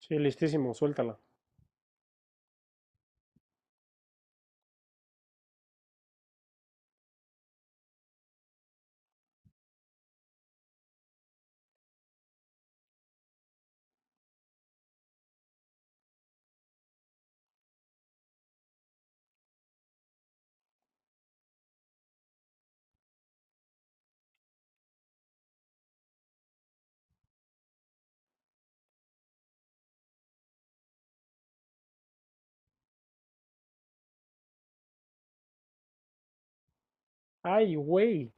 Sí, listísimo, suéltala. Ay, güey.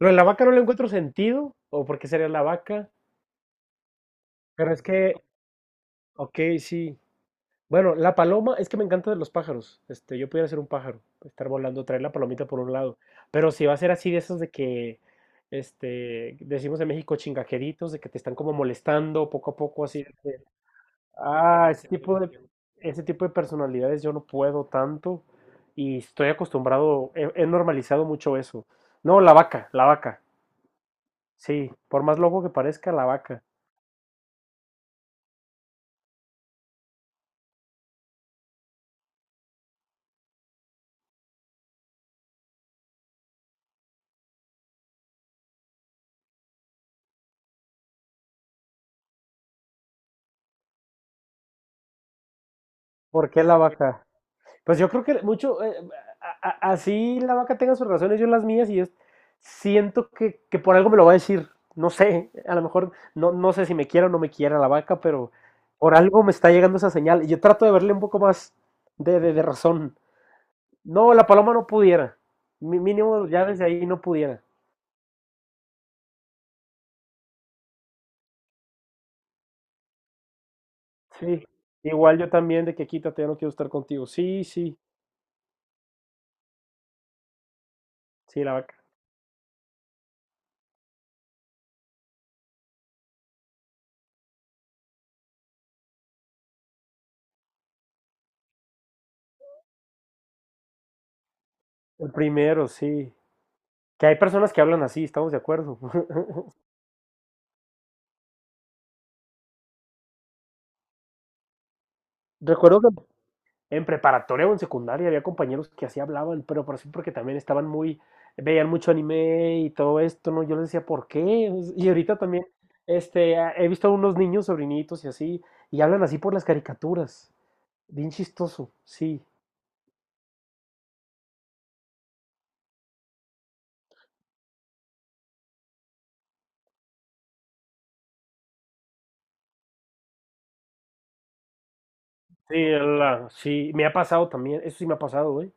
Lo de la vaca no le encuentro sentido, o por qué sería la vaca, pero es que, ok, sí. Bueno, la paloma, es que me encanta de los pájaros. Yo pudiera ser un pájaro, estar volando, traer la palomita por un lado. Pero si va a ser así de esos de que, decimos en México chingajeritos, de que te están como molestando poco a poco, así de que, ah, ese tipo de personalidades yo no puedo tanto y estoy acostumbrado, he normalizado mucho eso. No, la vaca, la vaca. Sí, por más loco que parezca, la vaca. ¿Por qué la vaca? Pues yo creo que mucho, así la vaca tenga sus razones, yo las mías, y yo siento que por algo me lo va a decir. No sé, a lo mejor no, no sé si me quiera o no me quiera la vaca, pero por algo me está llegando esa señal. Y yo trato de verle un poco más de razón. No, la paloma no pudiera. Mínimo ya desde ahí no pudiera. Sí, igual yo también de que quítate, ya no quiero estar contigo. Sí, sí, sí, la vaca. El primero, sí. Que hay personas que hablan así, estamos de acuerdo. Recuerdo que en preparatoria o en secundaria había compañeros que así hablaban, pero por sí porque también estaban muy, veían mucho anime y todo esto, ¿no? Yo les decía, ¿por qué? Y ahorita también, he visto a unos niños, sobrinitos y así, y hablan así por las caricaturas. Bien chistoso, sí. Sí, sí, me ha pasado también, eso sí me ha pasado, güey.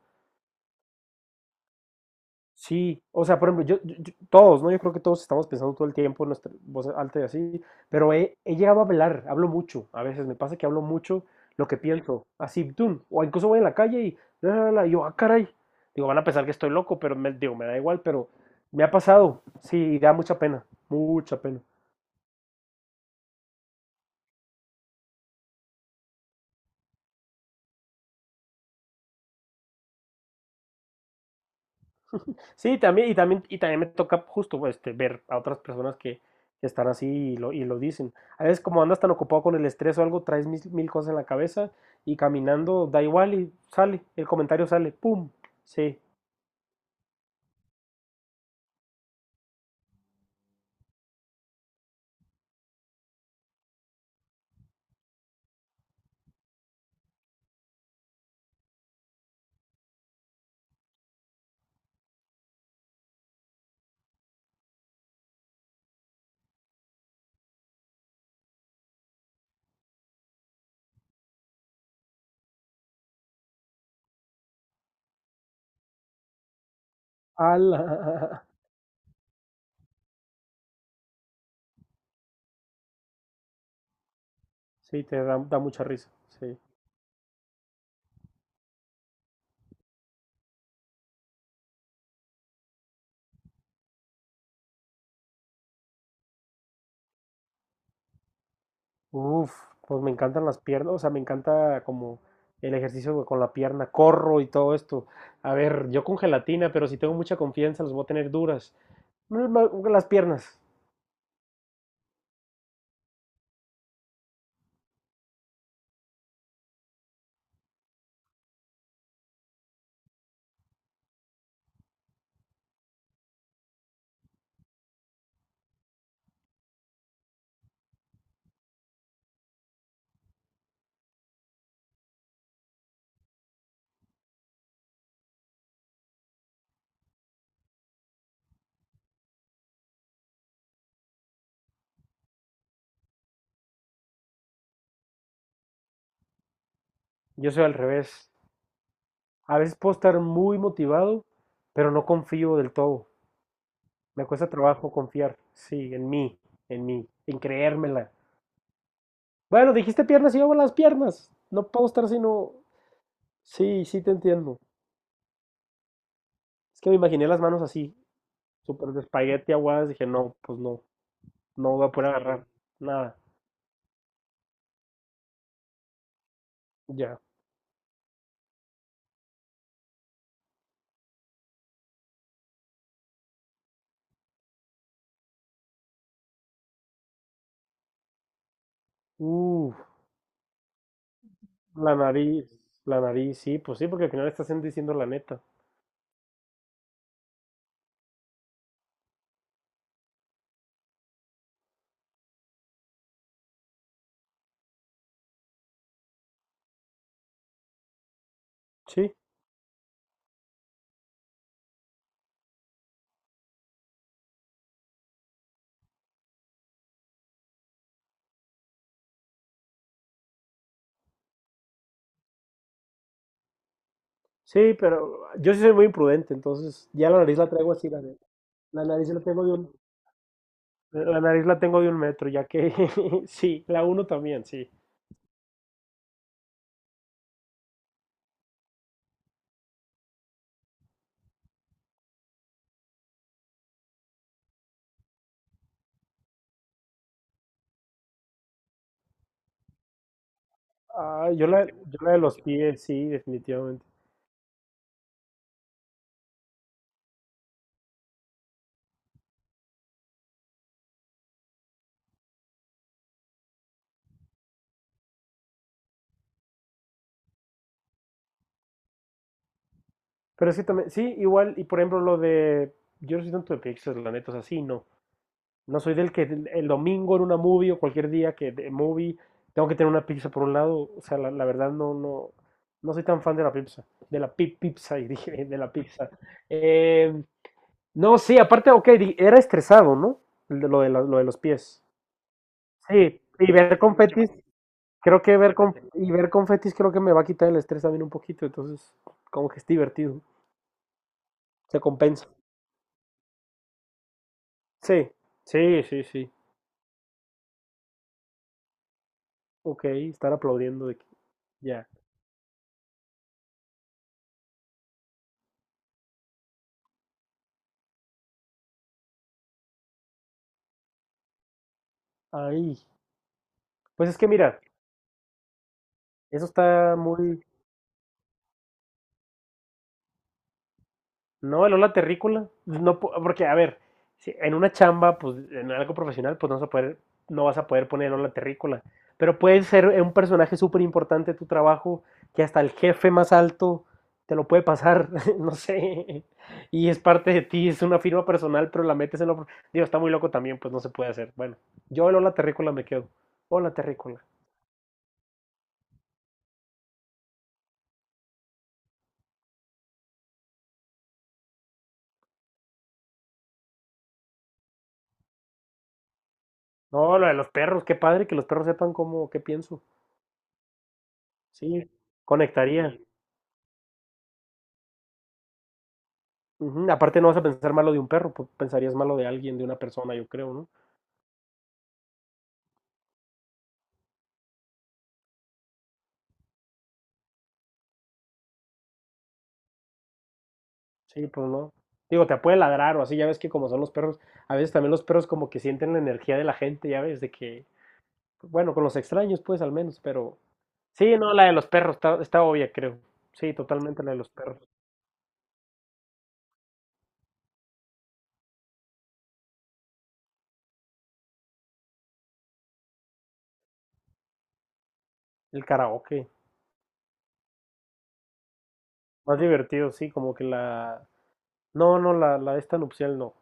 Sí, o sea, por ejemplo, todos, ¿no? Yo creo que todos estamos pensando todo el tiempo en nuestra voz alta y así, pero he llegado a hablar, hablo mucho, a veces me pasa que hablo mucho lo que pienso, así, tum, o incluso voy en la calle y, y yo, ah, caray, digo, van a pensar que estoy loco, digo, me da igual, pero me ha pasado, sí, y da mucha pena, mucha pena. Sí, también, y también, y también me toca justo pues, ver a otras personas que están así y lo dicen. A veces como andas tan ocupado con el estrés o algo, traes mil cosas en la cabeza y caminando da igual y sale, el comentario sale, ¡pum! Sí, ala, sí, te da mucha risa, sí. Uf, pues me encantan las piernas, o sea, me encanta como el ejercicio con la pierna, corro y todo esto. A ver, yo con gelatina, pero si tengo mucha confianza las voy a tener duras. Las piernas, yo soy al revés. A veces puedo estar muy motivado, pero no confío del todo. Me cuesta trabajo confiar, sí, en creérmela. Bueno, dijiste piernas y yo hago las piernas. No puedo estar sino... Sí, sí te entiendo. Es que me imaginé las manos así, súper de espagueti aguadas. Dije, no, pues no, no voy a poder agarrar nada. Ya. Uf, la nariz, la nariz, sí, pues sí, porque al final estás diciendo la neta. Sí, sí, pero yo sí soy muy imprudente, entonces ya la nariz la traigo así, la nariz la tengo bien. La nariz la tengo de 1 metro, ya que sí, la uno también, sí. Ah, yo la de los pies, sí, definitivamente. Pero es que también, sí, igual, y por ejemplo lo de, yo no soy tanto de Pixar, la neta, o sea, sí, no. No soy del que el domingo en una movie o cualquier día que de movie tengo que tener una pizza por un lado, o sea, la verdad no, no, no soy tan fan de la pizza, pizza, y dije, de la pizza. Eh, no, sí, aparte, ok, era estresado, ¿no? El de- Lo de, la- lo de los pies. Sí, y ver competir, creo que y ver confetis creo que me va a quitar el estrés también un poquito, entonces como que es divertido, se compensa. Sí, sí, sí, sí. Ok, estar aplaudiendo de que- ya. Ahí pues es que mira, eso está muy, no, el la terrícola. No, porque, a ver, si en una chamba, pues en algo profesional, pues no vas a poder, poner el la terrícola. Pero puede ser un personaje súper importante de tu trabajo, que hasta el jefe más alto te lo puede pasar, no sé. Y es parte de ti, es una firma personal, pero la metes en lo... Digo, está muy loco también, pues no se puede hacer. Bueno, yo el la terrícola me quedo. Hola terrícola. No, lo de los perros, qué padre que los perros sepan cómo, qué pienso. Sí, conectaría. Ujú, aparte no vas a pensar malo de un perro, pues, pensarías malo de alguien, de una persona, yo creo, ¿no? Sí, pues no. Digo, te puede ladrar o así, ya ves que como son los perros, a veces también los perros como que sienten la energía de la gente, ya ves, de que, bueno, con los extraños pues al menos, pero... Sí, no, la de los perros está obvia, creo. Sí, totalmente la de los perros. El karaoke, más divertido, sí, como que la... No, no, la de esta nupcial no,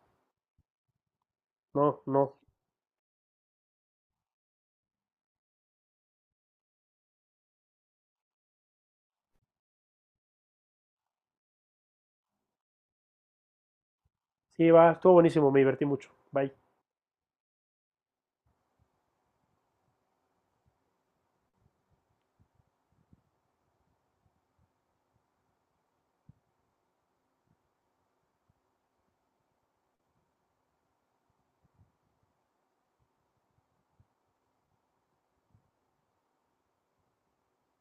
no, no. Sí, va, estuvo buenísimo, me divertí mucho. Bye.